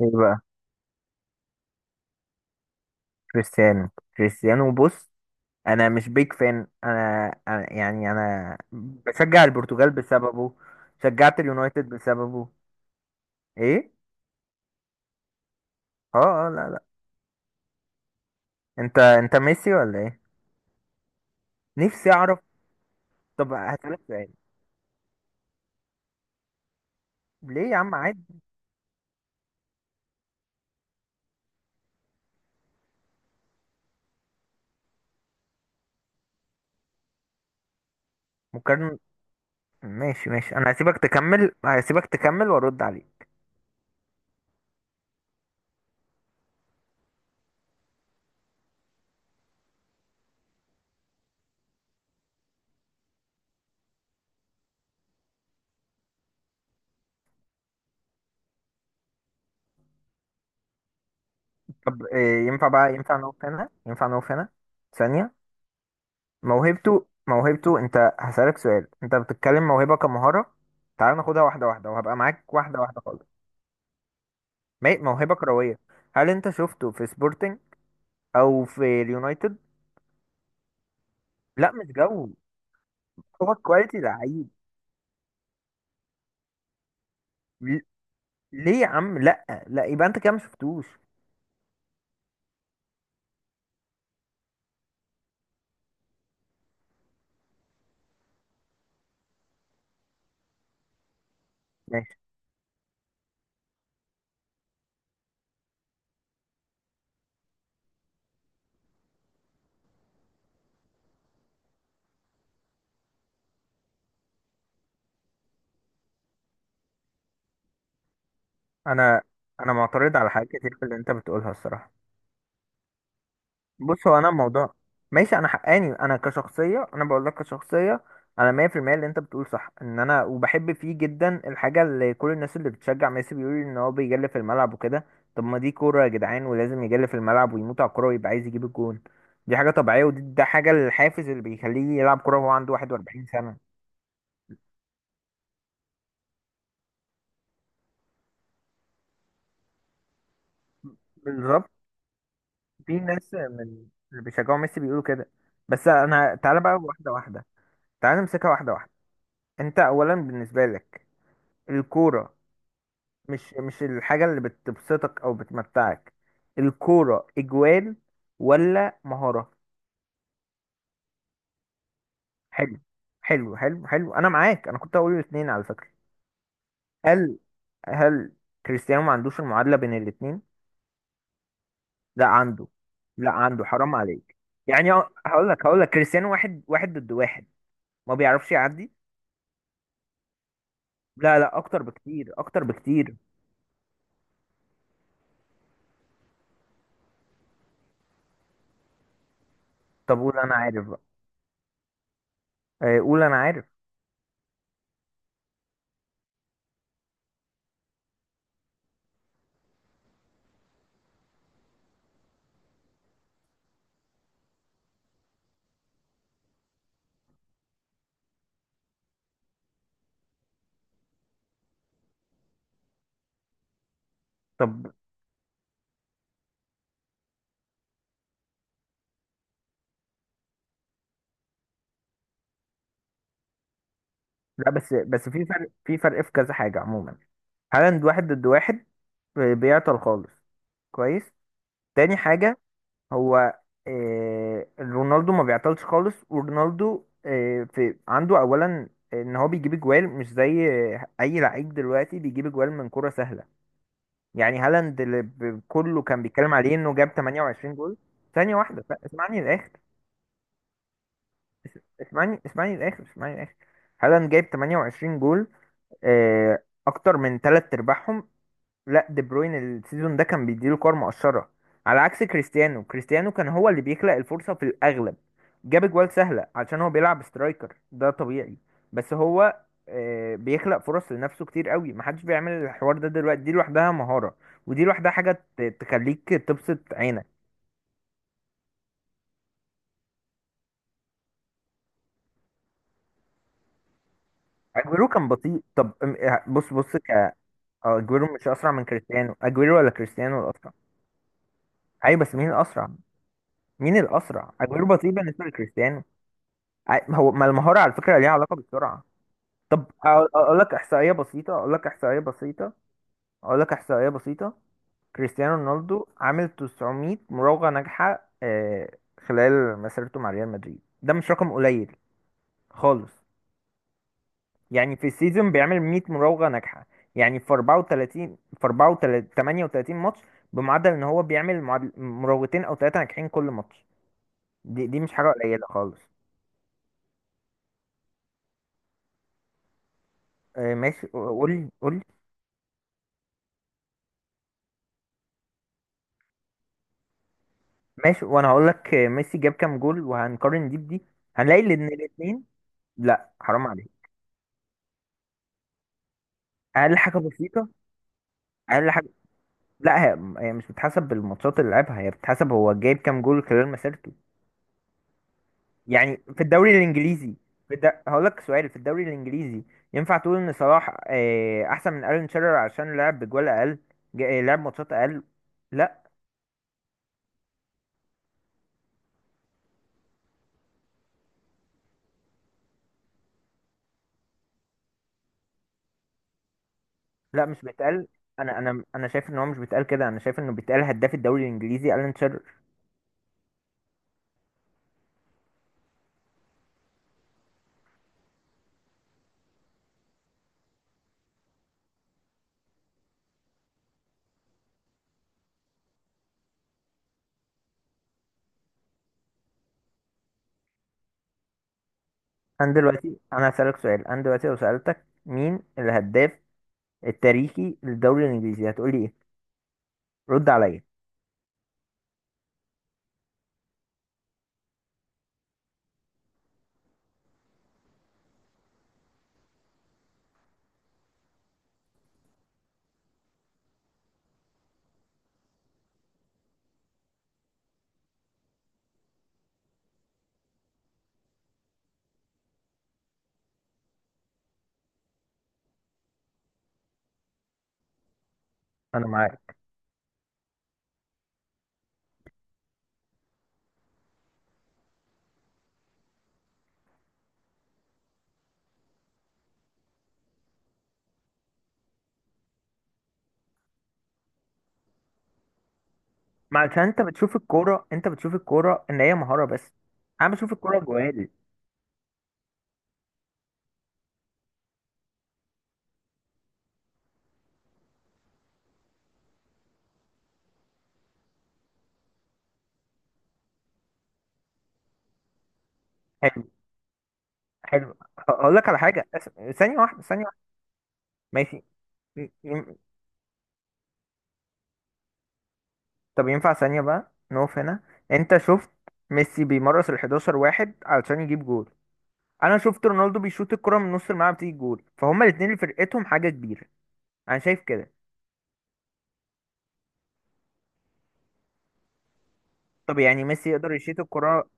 ايه بقى؟ كريستيانو. كريستيانو، بص. انا مش بيج فان أنا، يعني انا بشجع البرتغال بسببه. شجعت اليونايتد بسببه. ايه؟ اه، اه، لا، لا. انت ميسي ولا ايه؟ نفسي اعرف. طب هسألك سؤال. ليه يا عم؟ عادي. مقارنة. ماشي، ماشي، انا هسيبك تكمل، هسيبك تكمل وارد عليك. طب إيه ينفع بقى؟ ينفع نقف هنا؟ ينفع نقف هنا ثانية؟ موهبته انت هسألك سؤال، انت بتتكلم موهبة كمهارة. تعال ناخدها واحدة واحدة وهبقى معاك واحدة واحدة خالص. موهبة كروية. هل انت شفته في سبورتنج او في اليونايتد؟ لا مش جو. هو كواليتي لعيب. ل- ليه يا عم؟ لا، لا، يبقى انت كده ما شفتوش. ماشي. انا انا معترض على حاجات كتير في اللي انت بتقولها الصراحة. بص، هو انا الموضوع. ماشي، انا حقاني. انا كشخصيه، انا بقول لك كشخصيه، انا 100% اللي انت بتقول صح، ان انا وبحب فيه جدا الحاجه اللي كل الناس اللي بتشجع ميسي بيقولوا ان هو بيجلي في الملعب وكده. طب ما دي كوره يا جدعان، ولازم يجلي في الملعب ويموت على الكوره ويبقى عايز يجيب الجون. دي حاجه طبيعيه، ودي حاجه الحافز اللي بيخليه يلعب كوره وهو عنده 41 سنه. بالظبط. في ناس من اللي بيشجعوا ميسي بيقولوا كده. بس انا تعالى بقى واحده واحده، تعالى نمسكها واحده واحده. انت اولا، بالنسبه لك الكوره مش الحاجة اللي بتبسطك أو بتمتعك؟ الكورة إجوال ولا مهارة؟ حلو، حلو، حلو، حلو، أنا معاك. أنا كنت هقول الاتنين على فكرة. هل هل كريستيانو ما عندوش المعادلة بين الاتنين؟ لا عنده، لا عنده حرام عليك. يعني هقول لك كريستيانو واحد واحد ضد واحد ما بيعرفش يعدي. لا، لا، أكتر بكتير، أكتر بكتير. طب قول أنا عارف بقى. قول أنا عارف. طب لا، بس في فرق، في كذا حاجة عموما. هالاند واحد ضد واحد بيعطل خالص. كويس. تاني حاجة، هو رونالدو ما بيعطلش خالص. ورونالدو في عنده أولا إن هو بيجيب أجوال مش زي أي لعيب دلوقتي بيجيب أجوال من كرة سهلة. يعني هالاند اللي كله كان بيتكلم عليه إنه جاب 28 جول. ثانية واحدة، اسمعني للآخر. اس- اسمعني للآخر، اسمعني للآخر. هالاند جايب 28 جول، اكتر من تلات ارباعهم. لا، دي بروين السيزون ده كان بيديله كور مؤشرة، على عكس كريستيانو. كريستيانو كان هو اللي بيخلق الفرصة في الاغلب. جاب اجوال سهلة عشان هو بيلعب سترايكر، ده طبيعي. بس هو بيخلق فرص لنفسه كتير قوي، محدش بيعمل الحوار ده دلوقتي. دي لوحدها مهارة، ودي لوحدها حاجة تخليك تبسط عينك. اجويرو كان بطيء. طب بص، ك آه، اجويرو مش اسرع من كريستيانو. اجويرو ولا كريستيانو الاسرع؟ ايوه، بس مين الاسرع؟ مين الاسرع؟ اجويرو بطيء بالنسبه لكريستيانو. هو ما المهاره على فكره ليها علاقه بالسرعه. طب أقول لك احصائيه بسيطه، اقول لك احصائيه بسيطه، اقول لك احصائيه بسيطه. كريستيانو رونالدو عامل 900 مراوغه ناجحه، خلال مسيرته مع ريال مدريد. ده مش رقم قليل خالص. يعني في السيزون بيعمل 100 مراوغه ناجحه، يعني في 34، في 34، 38 ماتش، بمعدل ان هو بيعمل مراوغتين او ثلاثه ناجحين كل ماتش. دي مش حاجه قليله خالص. ماشي، قول، قول. ماشي، وانا هقول لك ميسي جاب كام جول وهنقارن دي بدي. هنلاقي ان الاثنين. لا حرام عليك، اقل حاجه بسيطه، اقل حاجه. لا، هي مش بتحسب بالماتشات اللي لعبها. هي بتحسب هو جايب كام جول خلال مسيرته. يعني في الدوري الانجليزي، هقول لك سؤال. في الدوري الانجليزي ينفع تقول ان صلاح احسن من الين شيرر عشان لعب بجوال اقل، لعب ماتشات اقل؟ لا، لا، مش بيتقال. انا شايف ان هو مش بيتقال كده. انا شايف انه بيتقال هداف الدوري الانجليزي الين شيرر. انا دلوقتي، انا هسألك سؤال، انا دلوقتي لو سألتك مين الهداف التاريخي للدوري الانجليزي، هتقولي ايه؟ رد عليا. انا معاك. ما عشان انت بتشوف الكوره، انت بتشوف الكوره ان هي مهاره بس. انا بشوف الكوره جوال. حلو، حلو. هقول لك على حاجه ثانيه واحده، ثانيه واحده. ماشي. ي- ي- طب ينفع ثانيه بقى نقف هنا؟ انت شفت ميسي بيمرس ال 11 واحد علشان يجيب جول؟ انا شفت رونالدو بيشوط الكرة من نص الملعب تيجي جول. فهما الاثنين اللي فرقتهم حاجه كبيره. انا شايف كده. طب يعني ميسي يقدر يشيط الكرة؟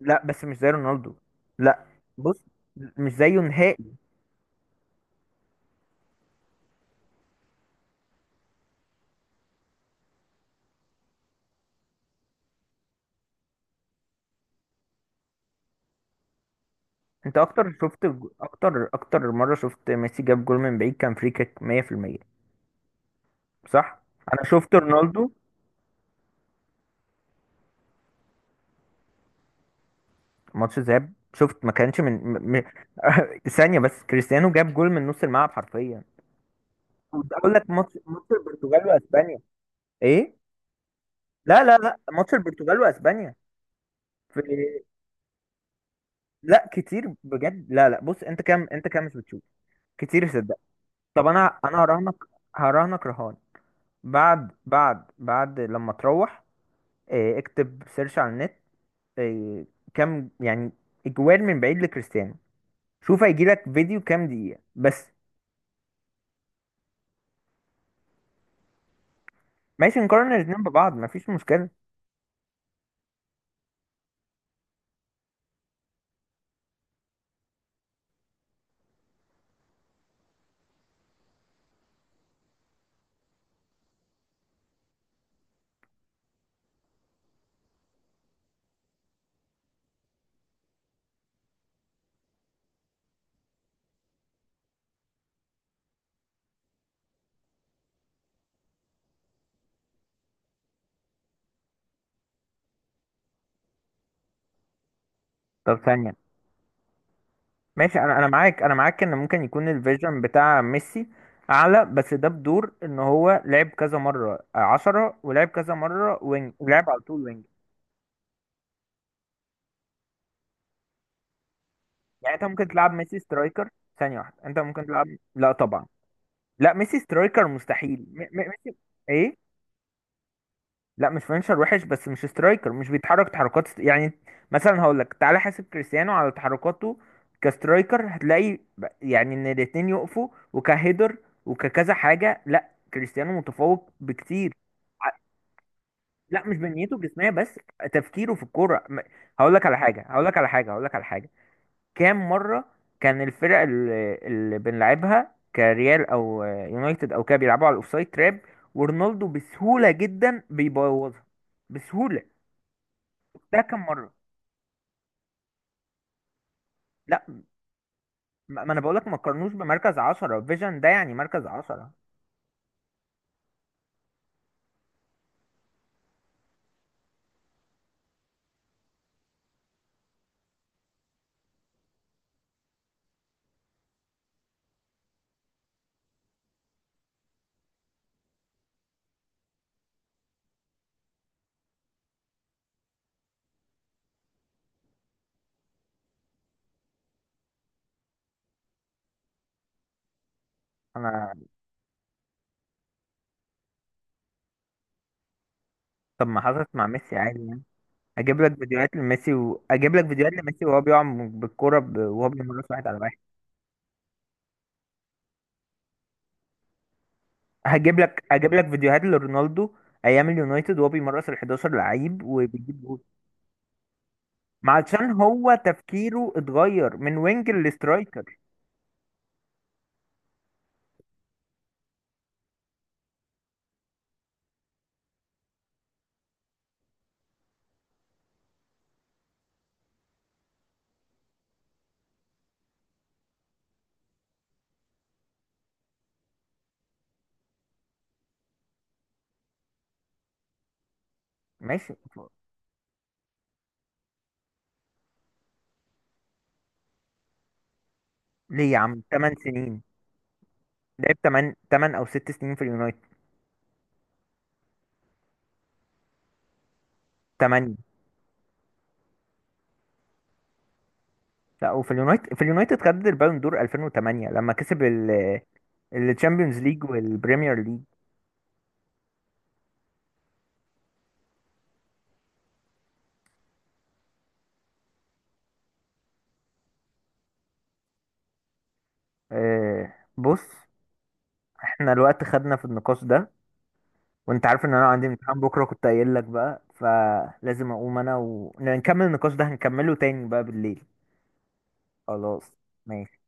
لا، بس مش زي رونالدو. لا. بص، مش زيه نهائي. انت اكتر مرة شفت ميسي جاب جول من بعيد؟ كان فري كيك 100%. صح. انا شفت رونالدو. ماتش ذهاب، شفت ما كانش من ثانية بس، كريستيانو جاب جول من نص الملعب حرفيا. كنت اقول لك ماتش البرتغال واسبانيا. ايه؟ لا، لا، لا، ماتش البرتغال واسبانيا في... لا كتير بجد. لا، لا، بص، انت كام مش بتشوف. كتير. طب انا هراهنك رهان. بعد لما تروح، اكتب سيرش على النت، إيه، كام يعني اجوال من بعيد لكريستيانو. شوف هيجيلك فيديو كام دقيقة بس. ماشي نقارن الاتنين ببعض، مفيش مشكلة. طب ثانية. ماشي، انا معاك، انا معاك ان ممكن يكون الفيجن بتاع ميسي اعلى. بس ده بدور ان هو لعب كذا مرة عشرة ولعب كذا مرة وينج ولعب على طول وينج. يعني انت ممكن تلعب ميسي سترايكر؟ ثانية واحدة، انت ممكن تلعب؟ لا طبعا، لا ميسي سترايكر مستحيل. م م ميسي، ايه، لا مش فينشر وحش، بس مش سترايكر، مش بيتحرك تحركات يعني مثلا هقول لك، تعالى حاسب كريستيانو على تحركاته كسترايكر، هتلاقي يعني ان الاتنين يقفوا، وكهيدر وككذا حاجة لا كريستيانو متفوق بكتير. ع- لا مش بنيته جسمية بس، تفكيره في الكورة هقول لك على حاجة، هقول لك على حاجة، هقول لك على حاجة. كام مرة كان الفرق اللي بنلعبها كريال او يونايتد او كده بيلعبوا على الاوفسايد تراب، ورونالدو بسهولة جدا بيبوظها. بسهولة. ده كام مرة. لا، ما انا بقولك ما تقارنوش بمركز عشرة فيجن. ده يعني مركز عشرة، انا. طب ما حصلت مع ميسي عادي يعني. اجيب لك فيديوهات لميسي اجيب لك فيديوهات لميسي وهو بيقع بالكرة وهو بيمرس واحد على واحد. هجيب لك اجيب لك فيديوهات لرونالدو ايام اليونايتد وهو بيمرس ال 11 لعيب وبيجيب جول. ما عشان هو تفكيره اتغير من وينج لسترايكر. ماشي. ليه يا عم؟ 8 سنين؟ لعب 8، 8 او 6 سنين في اليونايتد. 8. لا، وفي اليونايتد، في اليونايتد خد البالون دور 2008 لما كسب الشامبيونز ليج والبريمير ليج. بص، احنا الوقت خدنا في النقاش ده، وانت عارف ان انا عندي امتحان بكره كنت قايل لك بقى، فلازم اقوم انا ونكمل النقاش ده، هنكمله تاني بقى بالليل. خلاص. ماشي.